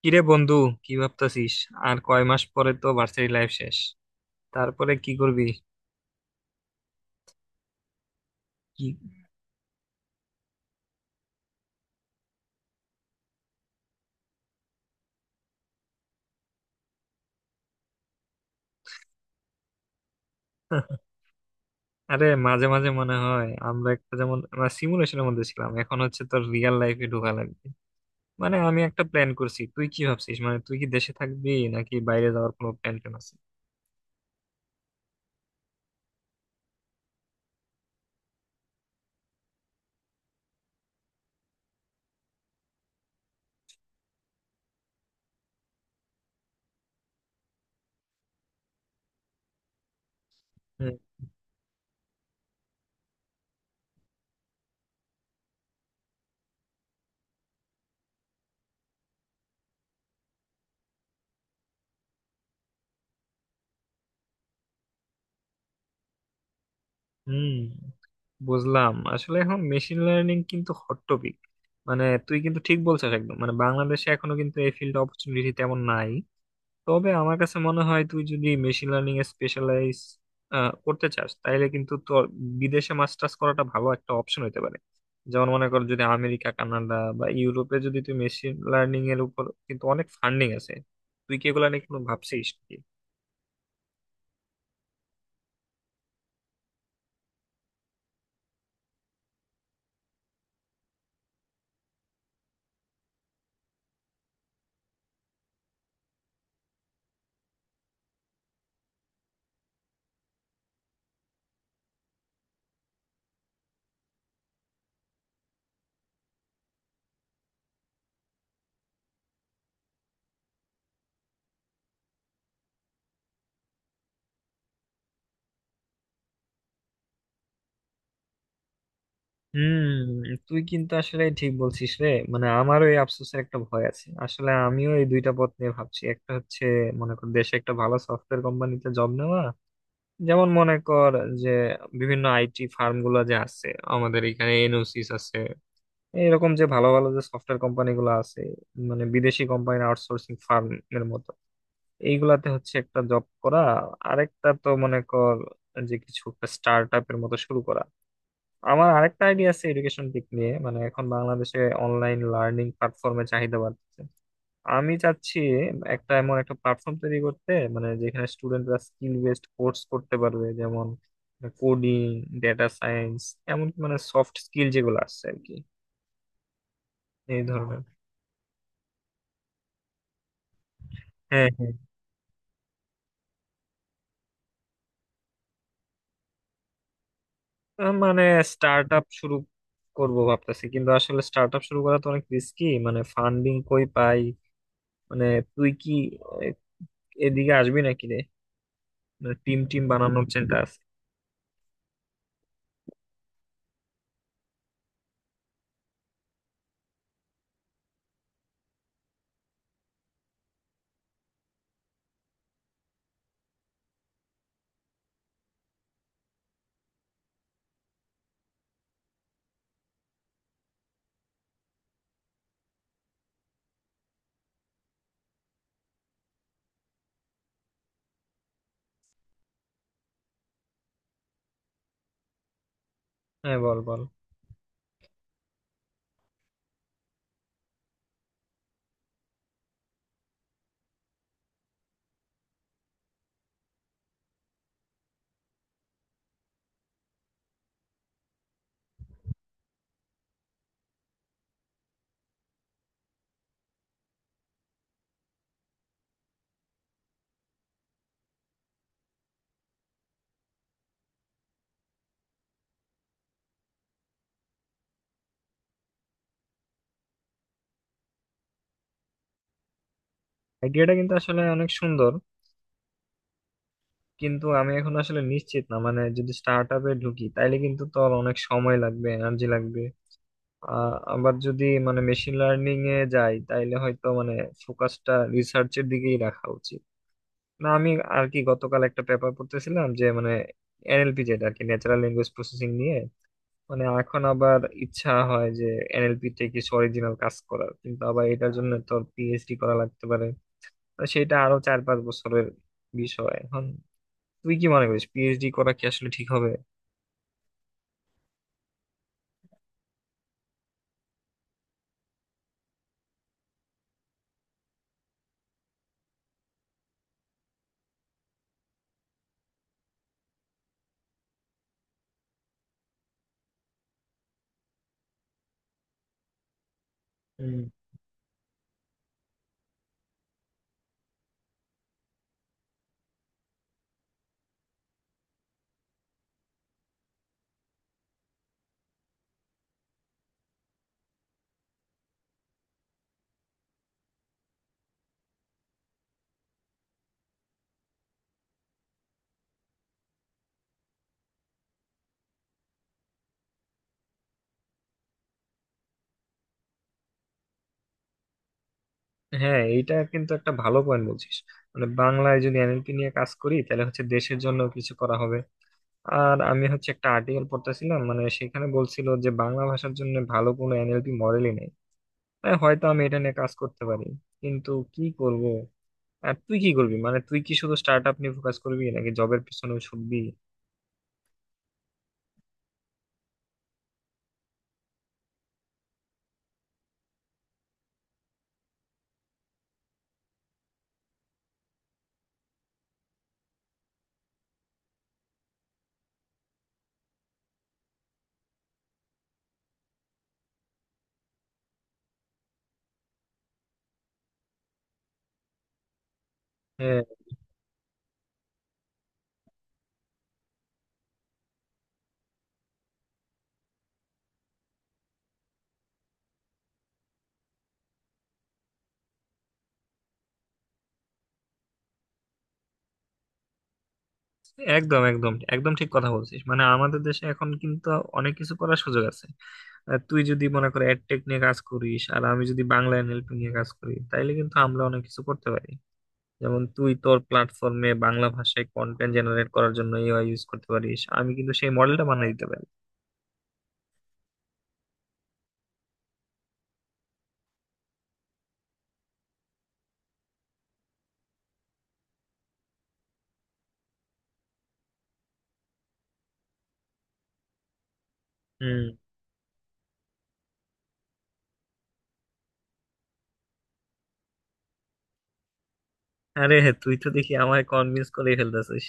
কিরে বন্ধু, কি ভাবতাছিস? আর কয় মাস পরে তো ভার্সিটি লাইফ শেষ। তারপরে কি করবি? কি? আরে মাঝে মাঝে মনে হয় আমরা একটা যেমন আমরা সিমুলেশনের মধ্যে ছিলাম, এখন হচ্ছে তোর রিয়েল লাইফে ঢোকা লাগবে। মানে আমি একটা প্ল্যান করছি, তুই কি ভাবছিস? মানে তুই কি দেশে থাকবি নাকি বাইরে যাওয়ার কোনো প্ল্যান ট্যান আছে? হুম, হুম, বুঝলাম। আসলে এখন মেশিন লার্নিং কিন্তু হট টপিক। মানে তুই কিন্তু ঠিক বলছিস একদম, মানে বাংলাদেশে এখনো কিন্তু এই ফিল্ড অপরচুনিটি তেমন নাই। তবে আমার কাছে মনে হয় তুই যদি মেশিন লার্নিং এ স্পেশালাইজ করতে চাস তাইলে কিন্তু তোর বিদেশে মাস্টার্স করাটা ভালো একটা অপশন হতে পারে। যেমন মনে কর যদি আমেরিকা কানাডা বা ইউরোপে যদি তুই মেশিন লার্নিং এর উপর কিন্তু অনেক ফান্ডিং আছে। তুই কি এগুলা নিয়ে কোনো ভাবছিস কি? হুম, তুই কিন্তু আসলে ঠিক বলছিস রে। মানে আমারও এই আফসোসের একটা ভয় আছে, আসলে আমিও এই দুইটা পথ নিয়ে ভাবছি। একটা হচ্ছে মনে কর দেশে একটা ভালো সফটওয়্যার কোম্পানিতে জব নেওয়া, যেমন মনে কর যে বিভিন্ন আইটি ফার্ম গুলো যে আছে, আমাদের এখানে এনওসিস আছে, এরকম যে ভালো ভালো যে সফটওয়্যার কোম্পানি গুলো আছে, মানে বিদেশি কোম্পানি আউটসোর্সিং ফার্ম এর মতো, এইগুলাতে হচ্ছে একটা জব করা। আরেকটা তো মনে কর যে কিছু একটা স্টার্ট এর মতো শুরু করা। আমার আরেকটা আইডিয়া আছে এডুকেশন দিক নিয়ে, মানে এখন বাংলাদেশে অনলাইন লার্নিং প্ল্যাটফর্মে চাহিদা বাড়ছে। আমি চাচ্ছি একটা এমন একটা প্ল্যাটফর্ম তৈরি করতে, মানে যেখানে স্টুডেন্টরা স্কিল বেসড কোর্স করতে পারবে, যেমন কোডিং, ডেটা সায়েন্স, এমন মানে সফট স্কিল যেগুলো আছে আর কি, এই ধরনের। হ্যাঁ, হ্যাঁ, মানে স্টার্ট আপ শুরু করব ভাবতেছি, কিন্তু আসলে স্টার্ট আপ শুরু করা তো অনেক রিস্কি, মানে ফান্ডিং কই পাই? মানে তুই কি আহ, এদিকে আসবি নাকি রে? মানে টিম টিম বানানোর চিন্তা আছে। হ্যাঁ, বল বল। আইডিয়াটা কিন্তু আসলে অনেক সুন্দর, কিন্তু আমি এখন আসলে নিশ্চিত না। মানে যদি স্টার্ট আপে ঢুকি তাইলে কিন্তু তো আর অনেক সময় লাগবে, এনার্জি লাগবে। আবার যদি মানে মেশিন লার্নিং এ যাই তাইলে হয়তো মানে ফোকাসটা রিসার্চের দিকেই রাখা উচিত না আমি। আর কি গতকাল একটা পেপার পড়তেছিলাম যে মানে এনএলপি, যেটা আর কি ন্যাচারাল ল্যাঙ্গুয়েজ প্রসেসিং নিয়ে, মানে এখন আবার ইচ্ছা হয় যে এনএলপি তে কিছু অরিজিনাল কাজ করার, কিন্তু আবার এটার জন্য তো পিএইচডি করা লাগতে পারে। তো সেটা আরো 4-5 বছরের বিষয়। এখন তুই কি মনে করিস পিএইচডি করা কি আসলে ঠিক হবে? হুম, হ্যাঁ এটা কিন্তু একটা ভালো পয়েন্ট বলছিস। মানে বাংলায় যদি এনএলপি নিয়ে কাজ করি তাহলে হচ্ছে দেশের জন্য কিছু করা হবে। আর আমি হচ্ছে একটা আর্টিকেল পড়তেছিলাম, মানে সেখানে বলছিল যে বাংলা ভাষার জন্য ভালো কোনো এনএলপি মডেলই নেই। তাই হয়তো আমি এটা নিয়ে কাজ করতে পারি, কিন্তু কি করব? আর তুই কি করবি? মানে তুই কি শুধু স্টার্ট আপ নিয়ে ফোকাস করবি নাকি জবের পিছনেও ছুটবি? হ্যাঁ, একদম একদম একদম ঠিক কথা বলছিস। মানে আমাদের দেশে এখন কিন্তু অনেক কিছু করার সুযোগ আছে। আর তুই যদি মনে কর এডটেক নিয়ে কাজ করিস আর আমি যদি বাংলা এনএলপি নিয়ে কাজ করি তাইলে কিন্তু আমরা অনেক কিছু করতে পারি। যেমন তুই তোর প্ল্যাটফর্মে বাংলা ভাষায় কন্টেন্ট জেনারেট করার জন্য এআই ইউজ করতে পারিস, আমি কিন্তু সেই মডেলটা বানিয়ে দিতে পারি। হুম, আরে হ্যাঁ, তুই তো দেখি আমায় কনভিন্স করে ফেলতেছিস।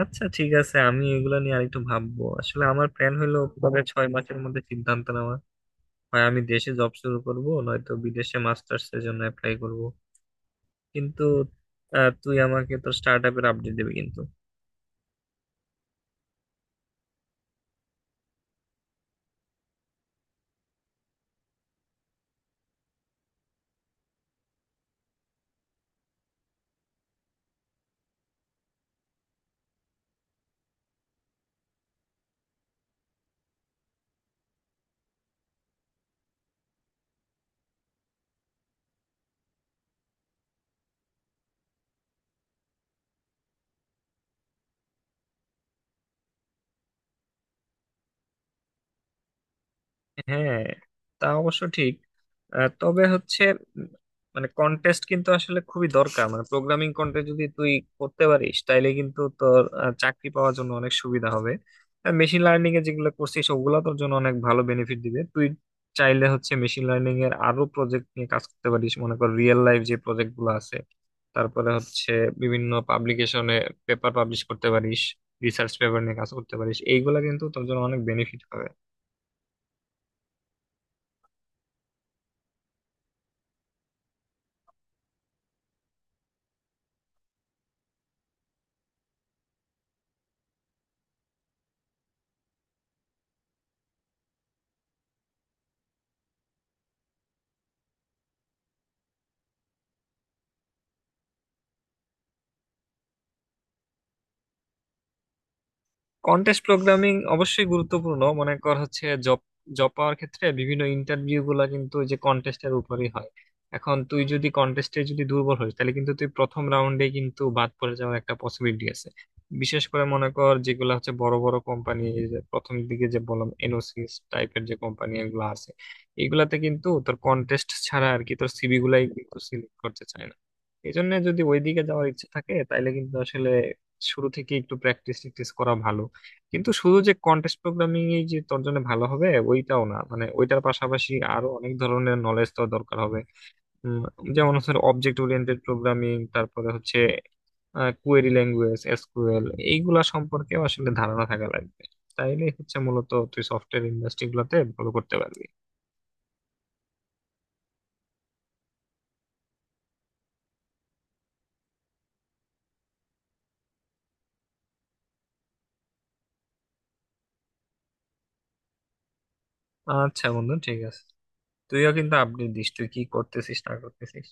আচ্ছা ঠিক আছে, আমি এগুলো নিয়ে আরেকটু ভাববো। আসলে আমার প্ল্যান হলো পরে 6 মাসের মধ্যে সিদ্ধান্ত নেওয়া। হয় আমি দেশে জব শুরু করব, নয়তো বিদেশে মাস্টার্স এর জন্য অ্যাপ্লাই করব। কিন্তু তুই আমাকে তোর স্টার্ট আপের আপডেট দিবি কিন্তু। হ্যাঁ, তা অবশ্য ঠিক। তবে হচ্ছে উম, মানে কন্টেস্ট কিন্তু আসলে খুবই দরকার, মানে প্রোগ্রামিং কন্টেস্ট যদি তুই করতে পারিস তাইলে কিন্তু তোর চাকরি পাওয়ার জন্য অনেক সুবিধা হবে। মেশিন লার্নিং এ যেগুলো করছিস ওগুলো তোর জন্য অনেক ভালো বেনিফিট দিবে। তুই চাইলে হচ্ছে মেশিন লার্নিং এর আরো প্রজেক্ট নিয়ে কাজ করতে পারিস, মনে কর রিয়েল লাইফ যে প্রজেক্ট গুলো আছে, তারপরে হচ্ছে বিভিন্ন পাবলিকেশনে পেপার পাবলিশ করতে পারিস, রিসার্চ পেপার নিয়ে কাজ করতে পারিস। এইগুলা কিন্তু তোর জন্য অনেক বেনিফিট হবে। কন্টেস্ট প্রোগ্রামিং অবশ্যই গুরুত্বপূর্ণ। মনে কর হচ্ছে জব জব পাওয়ার ক্ষেত্রে বিভিন্ন ইন্টারভিউ গুলা কিন্তু ওই যে কন্টেস্টের উপরই হয়। এখন তুই যদি কন্টেস্টে যদি দুর্বল হস তাহলে কিন্তু তুই প্রথম রাউন্ডে কিন্তু বাদ পড়ে যাওয়ার একটা পসিবিলিটি আছে। বিশেষ করে মনে কর যেগুলো হচ্ছে বড় বড় কোম্পানি, প্রথম দিকে যে বললাম এনওসিস টাইপের যে কোম্পানি এগুলো আছে, এগুলাতে কিন্তু তোর কন্টেস্ট ছাড়া আর কি তোর সিভি গুলাই কিন্তু সিলেক্ট করতে চায় না। এই জন্য যদি ওইদিকে যাওয়ার ইচ্ছা থাকে তাইলে কিন্তু আসলে শুরু থেকে একটু প্র্যাকটিস ট্যাকটিস করা ভালো। কিন্তু শুধু যে কন্টেস্ট প্রোগ্রামিং এই যে তোর জন্য ভালো হবে ওইটাও না, মানে ওইটার পাশাপাশি আরো অনেক ধরনের নলেজ তোর দরকার হবে। উম, যেমন হচ্ছে অবজেক্ট ওরিয়েন্টেড প্রোগ্রামিং, তারপরে হচ্ছে কোয়েরি ল্যাঙ্গুয়েজ এসকিউএল, এইগুলা সম্পর্কেও আসলে ধারণা থাকা লাগবে। তাইলে হচ্ছে মূলত তুই সফটওয়্যার ইন্ডাস্ট্রি গুলাতে ভালো করতে পারবি। আচ্ছা বন্ধু, ঠিক আছে। তুইও কিন্তু আপডেট দিস, তুই কি করতেছিস না করতেছিস।